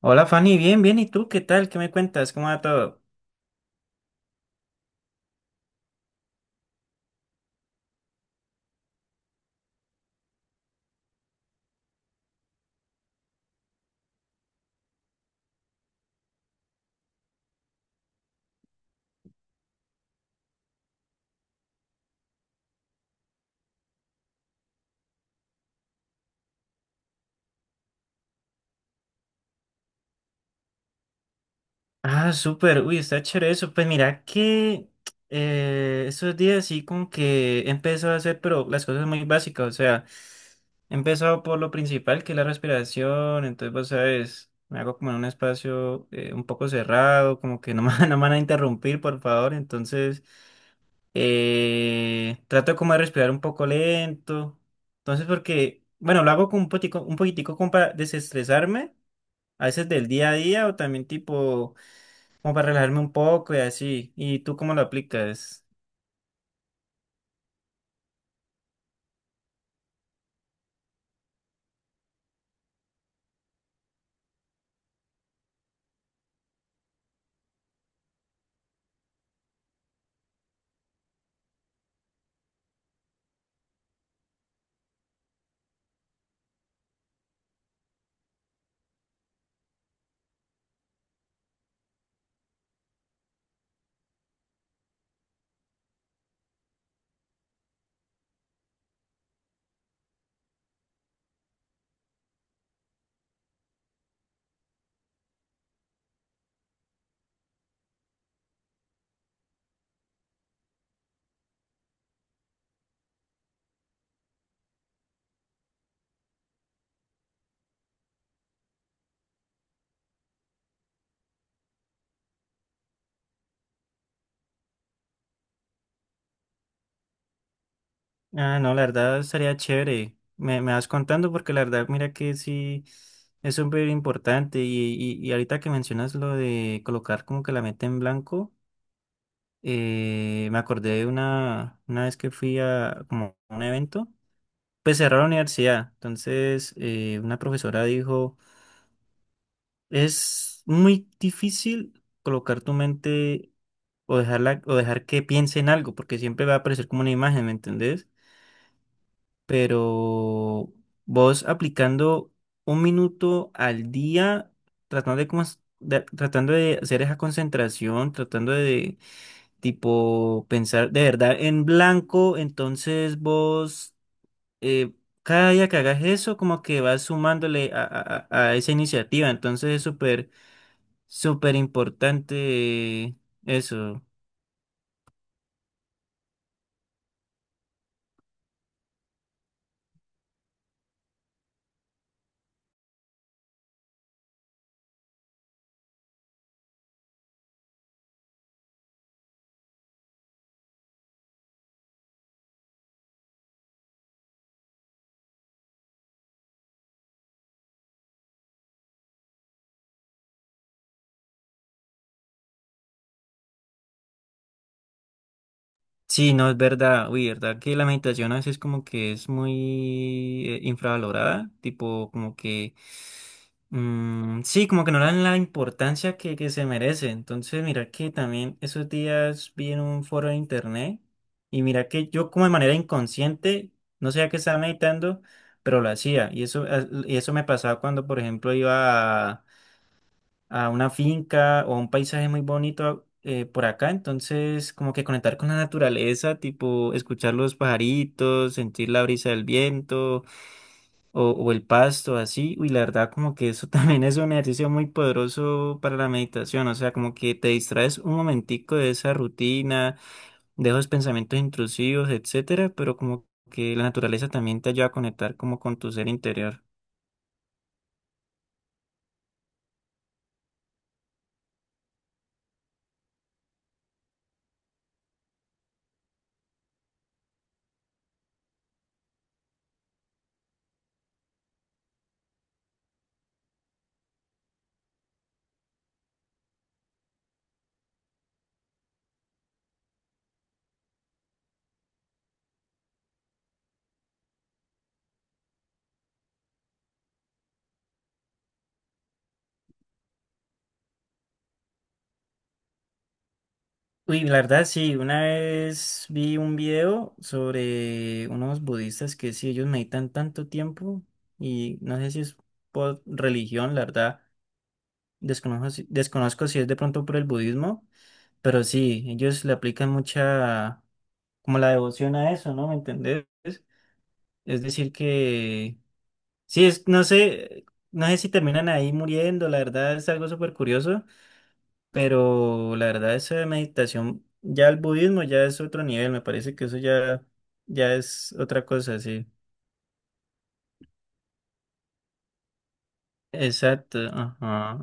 Hola Fanny, bien, bien, ¿y tú qué tal? ¿Qué me cuentas? ¿Cómo va todo? Ah, súper, uy, está chévere eso. Pues mira que estos días sí como que he empezado a hacer, pero las cosas muy básicas, o sea, he empezado por lo principal que es la respiración, entonces vos sabes, me hago como en un espacio un poco cerrado, como que no me, no me van a interrumpir, por favor, entonces trato como de respirar un poco lento, entonces porque, bueno, lo hago como un poquitico como para desestresarme. A veces del día a día o también tipo como para relajarme un poco y así. ¿Y tú cómo lo aplicas? Ah, no, la verdad sería chévere. Me vas contando porque la verdad, mira que sí es súper importante. Y ahorita que mencionas lo de colocar como que la meta en blanco, me acordé de una vez que fui a como a un evento, pues cerró la universidad. Entonces, una profesora dijo. Es muy difícil colocar tu mente o dejarla, o dejar que piense en algo, porque siempre va a aparecer como una imagen, ¿me entendés? Pero vos aplicando un minuto al día, tratando de, tratando de hacer esa concentración, tratando de tipo pensar de verdad en blanco, entonces vos eh, cada día que hagas eso, como que vas sumándole a esa iniciativa, entonces es súper súper importante eh, eso. Sí, no es verdad. Uy, verdad que la meditación a veces como que es muy infravalorada. Tipo, como que sí, como que no le dan la importancia que se merece. Entonces, mira que también esos días vi en un foro de internet y mira que yo como de manera inconsciente, no sabía que estaba meditando, pero lo hacía. Y eso, ah, y eso me pasaba cuando, por ejemplo, iba a una finca o a un paisaje muy bonito por acá, entonces como que conectar con la naturaleza, tipo escuchar los pajaritos, sentir la brisa del viento o el pasto, así, uy, la verdad como que eso también es un ejercicio muy poderoso para la meditación, o sea, como que te distraes un momentico de esa rutina, de esos pensamientos intrusivos, etcétera, pero como que la naturaleza también te ayuda a conectar como con tu ser interior. Uy, la verdad sí, una vez vi un video sobre unos budistas que sí, ellos meditan tanto tiempo y no sé si es por religión, la verdad, desconozco, desconozco si es de pronto por el budismo, pero sí, ellos le aplican mucha, como la devoción a eso, ¿no? ¿Me entendés? Es decir que, sí, es, no sé, no sé si terminan ahí muriendo, la verdad es algo súper curioso. Pero la verdad, esa meditación, ya el budismo ya es otro nivel, me parece que eso ya, ya es otra cosa, sí. Exacto, ajá.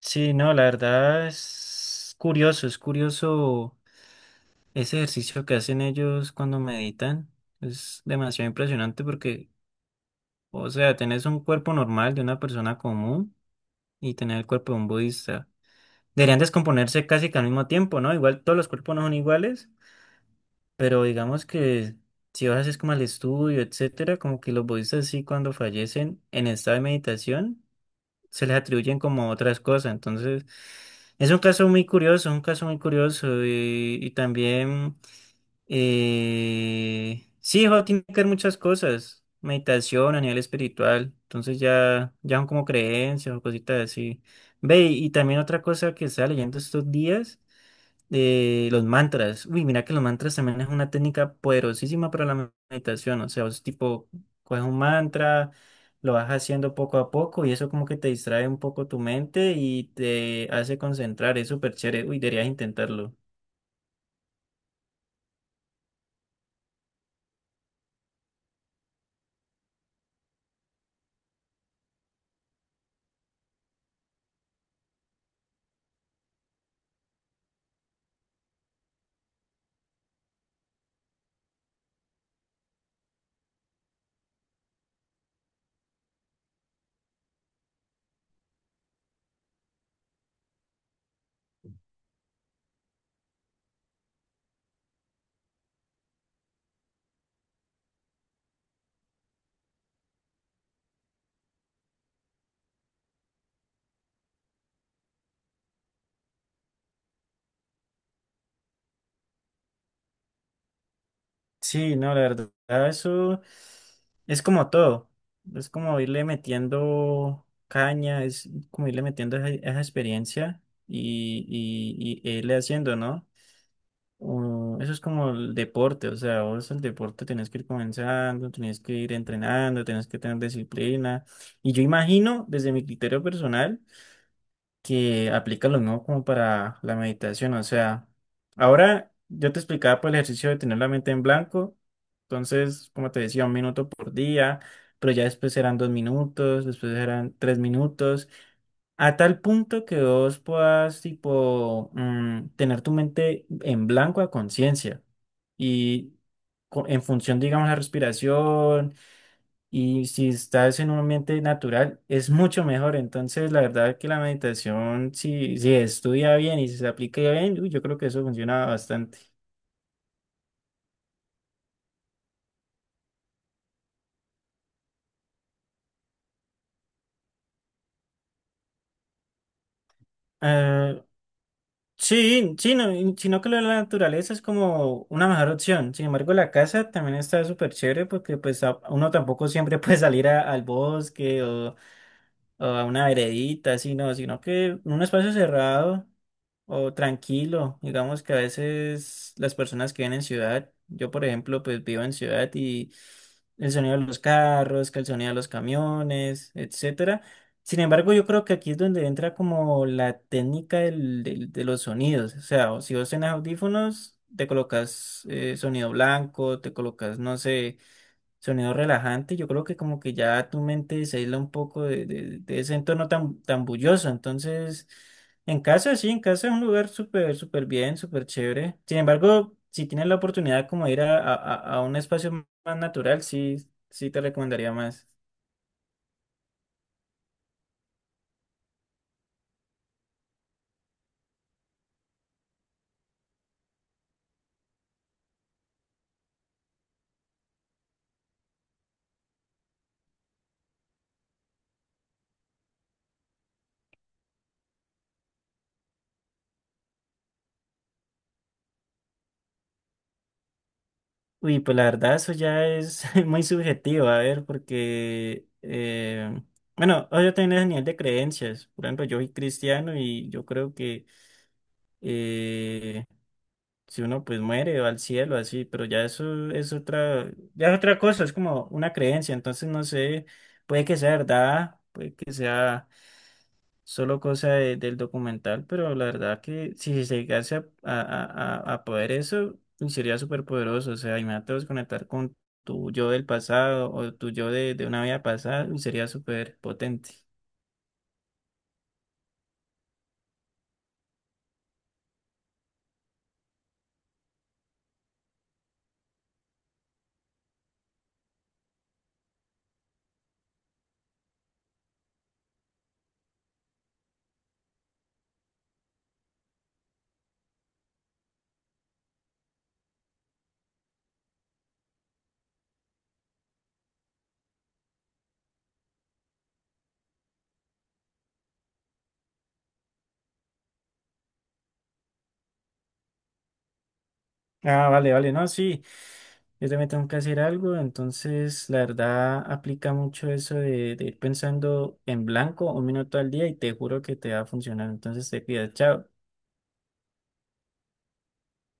Sí, no, la verdad es curioso ese ejercicio que hacen ellos cuando meditan. Es demasiado impresionante porque, o sea, tenés un cuerpo normal de una persona común y tener el cuerpo de un budista. Deberían descomponerse casi que al mismo tiempo, ¿no? Igual todos los cuerpos no son iguales. Pero digamos que si vas es como al estudio, etcétera, como que los budistas sí cuando fallecen en estado de meditación se les atribuyen como otras cosas. Entonces, es un caso muy curioso, un caso muy curioso y también sí, jo, tiene que ver muchas cosas, meditación a nivel espiritual, entonces ya, ya son como creencias o cositas así. Ve, y también otra cosa que estaba leyendo estos días los mantras. Uy, mira que los mantras también es una técnica poderosísima para la meditación. O sea, es tipo, coges un mantra, lo vas haciendo poco a poco y eso como que te distrae un poco tu mente y te hace concentrar. Es súper chévere. Uy, deberías intentarlo. Sí, no, la verdad, eso es como todo. Es como irle metiendo caña, es como irle metiendo esa, esa experiencia y irle haciendo, ¿no? Eso es como el deporte, o sea, vos el deporte tenés que ir comenzando, tenés que ir entrenando, tenés que tener disciplina. Y yo imagino, desde mi criterio personal, que aplica lo mismo como para la meditación, o sea, ahora yo te explicaba por el ejercicio de tener la mente en blanco, entonces, como te decía, un minuto por día, pero ya después eran dos minutos, después eran tres minutos. A tal punto que vos puedas, tipo, tener tu mente en blanco a conciencia y en función, digamos, la respiración y si estás en un ambiente natural, es mucho mejor. Entonces, la verdad que la meditación, si, si estudia bien y si se aplica bien, uy, yo creo que eso funciona bastante. Ah, sí, sí, no, sino que lo de la naturaleza es como una mejor opción. Sin embargo, la casa también está súper chévere porque pues uno tampoco siempre puede salir al bosque o a una veredita, así no, sino que en un espacio cerrado o tranquilo. Digamos que a veces las personas que viven en ciudad, yo por ejemplo, pues vivo en ciudad y el sonido de los carros, que el sonido de los camiones, etcétera. Sin embargo, yo creo que aquí es donde entra como la técnica de los sonidos. O sea, o si vos tenés audífonos, te colocas sonido blanco, te colocas, no sé. Sonido relajante, yo creo que como que ya tu mente se aísla un poco de ese entorno tan, tan bullicioso. Entonces, en casa sí, en casa es un lugar súper, súper bien, súper chévere. Sin embargo, si tienes la oportunidad como de ir a un espacio más natural, sí, sí te recomendaría más. Uy, pues la verdad eso ya es muy subjetivo, a ver, porque, bueno, yo también es a nivel de creencias. Por ejemplo, yo soy cristiano y yo creo que... eh, si uno pues muere va al cielo, así, pero ya eso es otra, ya es otra cosa, es como una creencia, entonces no sé, puede que sea verdad, puede que sea solo cosa del documental, pero la verdad que si se llegase a poder eso, uy, sería súper poderoso, o sea, imagínate vos conectar con tu yo del pasado o tu yo de una vida pasada, uy, sería súper potente. Ah, vale, vale, no, sí. Yo también tengo que hacer algo, entonces la verdad aplica mucho eso de ir pensando en blanco un minuto al día y te juro que te va a funcionar. Entonces te cuidas, chao.